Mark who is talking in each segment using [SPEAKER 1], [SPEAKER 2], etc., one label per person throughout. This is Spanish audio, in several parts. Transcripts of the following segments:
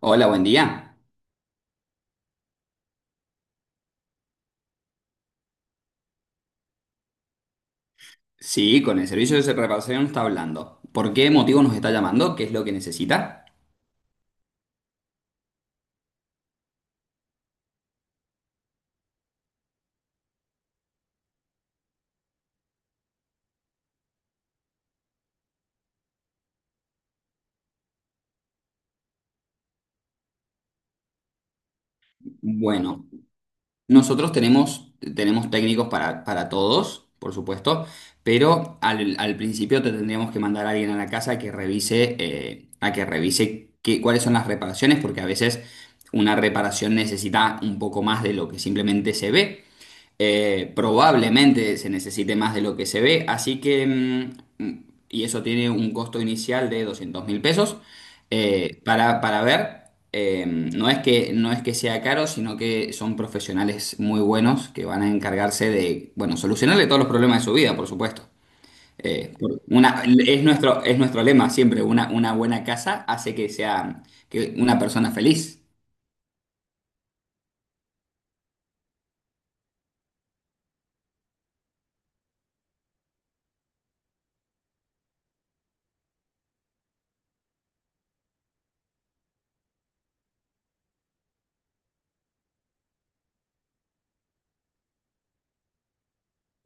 [SPEAKER 1] Hola, buen día. Sí, con el servicio de reparación está hablando. ¿Por qué motivo nos está llamando? ¿Qué es lo que necesita? Bueno, nosotros tenemos técnicos para todos, por supuesto, pero al principio te tendríamos que mandar a alguien a la casa que revise, a que revise cuáles son las reparaciones, porque a veces una reparación necesita un poco más de lo que simplemente se ve. Probablemente se necesite más de lo que se ve, así que y eso tiene un costo inicial de 200.000 pesos. Para ver, no es que sea caro, sino que son profesionales muy buenos que van a encargarse de, bueno, solucionarle todos los problemas de su vida, por supuesto. Es nuestro lema siempre, una buena casa hace que sea que una persona feliz.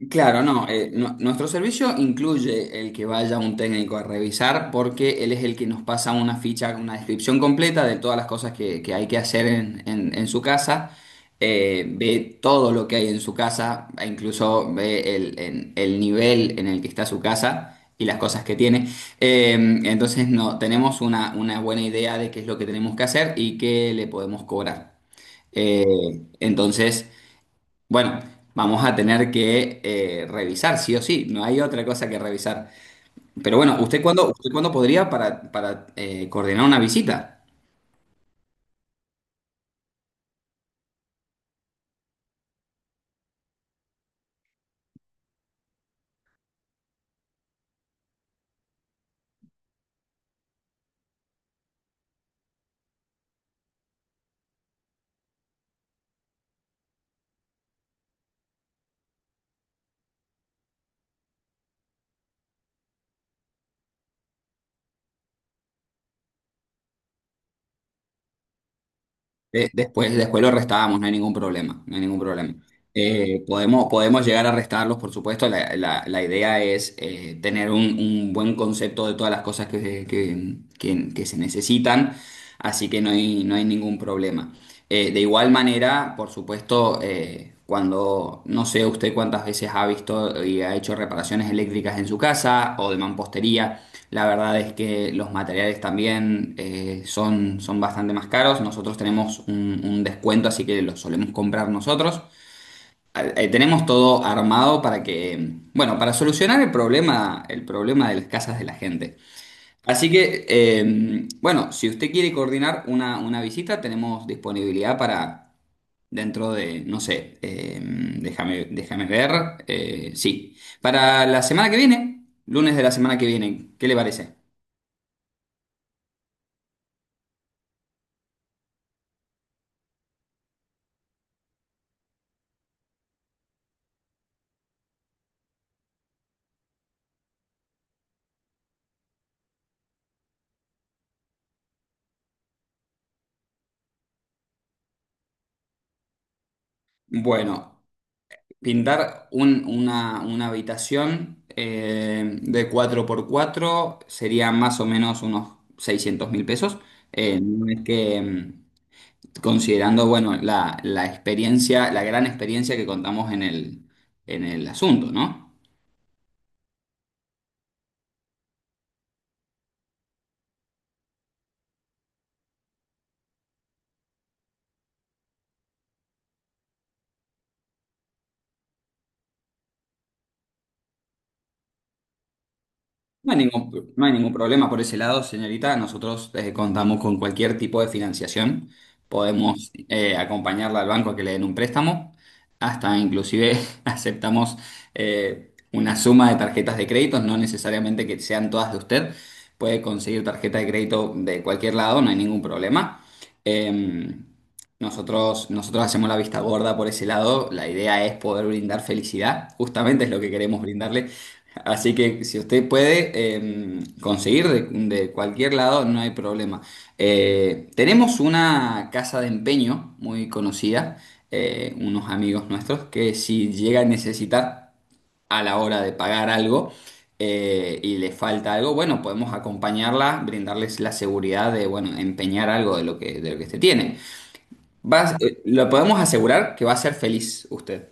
[SPEAKER 1] Claro, no, nuestro servicio incluye el que vaya un técnico a revisar porque él es el que nos pasa una ficha, una descripción completa de todas las cosas que hay que hacer en su casa. Ve todo lo que hay en su casa, e incluso ve el nivel en el que está su casa y las cosas que tiene. Eh, entonces no, tenemos una buena idea de qué es lo que tenemos que hacer y qué le podemos cobrar. Eh, entonces... Bueno, vamos a tener que revisar, sí o sí, no hay otra cosa que revisar. Pero bueno, ¿usted cuándo podría para coordinar una visita? Después los restábamos, no hay ningún problema, no hay ningún problema. Podemos llegar a restarlos, por supuesto. La idea es tener un buen concepto de todas las cosas que se necesitan, así que no hay, no hay ningún problema. De igual manera, por supuesto, cuando no sé usted cuántas veces ha visto y ha hecho reparaciones eléctricas en su casa o de mampostería. La verdad es que los materiales también son bastante más caros. Nosotros tenemos un descuento, así que los solemos comprar nosotros. Tenemos todo armado para que, bueno, para solucionar el problema de las casas de la gente. Así que, bueno, si usted quiere coordinar una visita, tenemos disponibilidad para dentro de, no sé, déjame ver. Sí, para la semana que viene, lunes de la semana que viene, ¿qué le parece? Bueno, pintar una habitación de cuatro por cuatro sería más o menos unos 600.000 pesos. No es que, considerando, bueno, la experiencia, la gran experiencia que contamos en el asunto, ¿no? No hay ningún problema por ese lado, señorita. Nosotros contamos con cualquier tipo de financiación. Podemos acompañarla al banco a que le den un préstamo. Hasta inclusive aceptamos una suma de tarjetas de crédito, no necesariamente que sean todas de usted. Puede conseguir tarjeta de crédito de cualquier lado, no hay ningún problema. Eh, nosotros hacemos la vista gorda por ese lado. La idea es poder brindar felicidad. Justamente es lo que queremos brindarle. Así que si usted puede conseguir de cualquier lado, no hay problema. Tenemos una casa de empeño muy conocida, unos amigos nuestros, que si llega a necesitar a la hora de pagar algo y le falta algo, bueno, podemos acompañarla, brindarles la seguridad de, bueno, empeñar algo de lo que usted tiene. Lo podemos asegurar que va a ser feliz usted.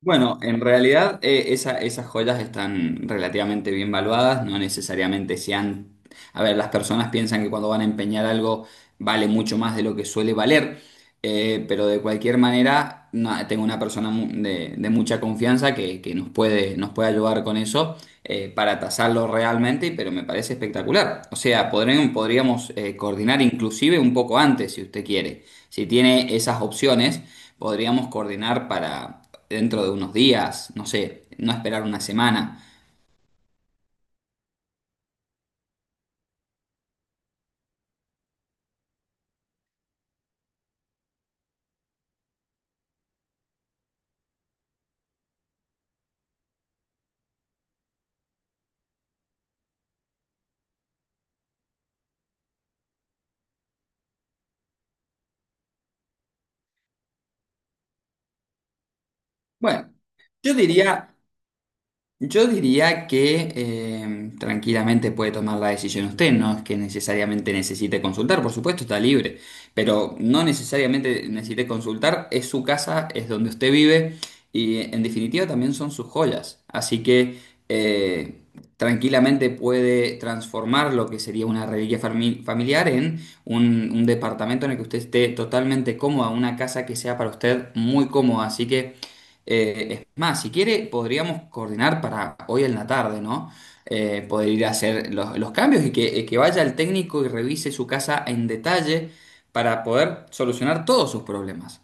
[SPEAKER 1] Bueno, en realidad esas joyas están relativamente bien valuadas, no necesariamente sean... A ver, las personas piensan que cuando van a empeñar algo vale mucho más de lo que suele valer, pero de cualquier manera tengo una persona de, mucha confianza que nos puede ayudar con eso para tasarlo realmente, pero me parece espectacular. O sea, podríamos coordinar inclusive un poco antes, si usted quiere, si tiene esas opciones. Podríamos coordinar para dentro de unos días, no sé, no esperar una semana. Bueno, yo diría Yo diría que tranquilamente puede tomar la decisión usted, no es que necesariamente necesite consultar, por supuesto está libre, pero no necesariamente necesite consultar, es su casa, es donde usted vive y en definitiva también son sus joyas, así que eh, tranquilamente puede transformar lo que sería una reliquia familiar en un departamento en el que usted esté totalmente cómoda, una casa que sea para usted muy cómoda, así que... Es más, si quiere, podríamos coordinar para hoy en la tarde, ¿no? Poder ir a hacer los cambios y que vaya el técnico y revise su casa en detalle para poder solucionar todos sus problemas.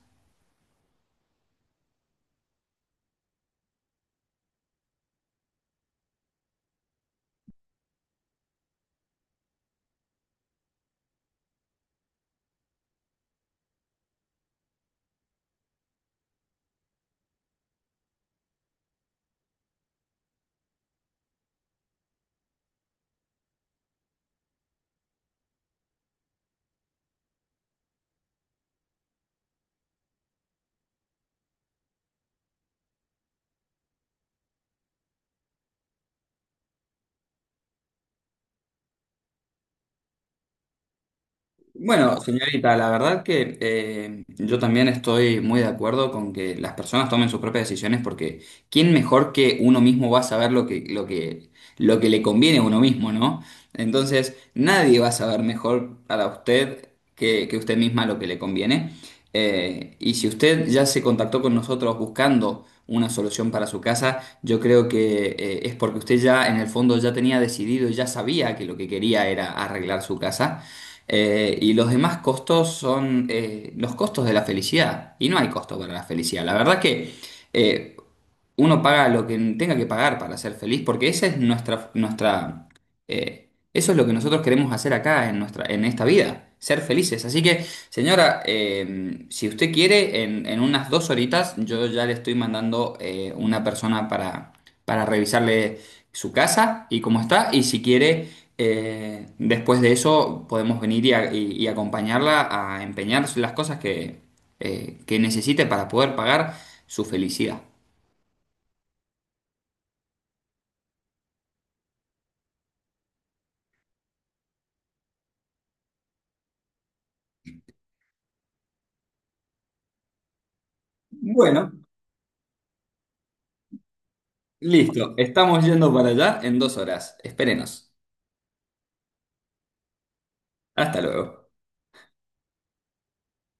[SPEAKER 1] Bueno, señorita, la verdad que yo también estoy muy de acuerdo con que las personas tomen sus propias decisiones porque ¿quién mejor que uno mismo va a saber lo que le conviene a uno mismo? ¿No? Entonces, nadie va a saber mejor a usted que usted misma lo que le conviene. Y si usted ya se contactó con nosotros buscando una solución para su casa, yo creo que es porque usted ya en el fondo ya tenía decidido, y ya sabía que lo que quería era arreglar su casa. Y los demás costos son los costos de la felicidad. Y no hay costo para la felicidad. La verdad que eh, uno paga lo que tenga que pagar para ser feliz, porque esa es eso es lo que nosotros queremos hacer acá en nuestra, en esta vida, ser felices. Así que, señora, si usted quiere, en unas 2 horitas, yo ya le estoy mandando una persona para, revisarle su casa y cómo está, y si quiere, después de eso podemos venir y acompañarla a empeñar las cosas que necesite para poder pagar su felicidad. Bueno, listo. Estamos yendo para allá en 2 horas. Espérenos. Hasta luego.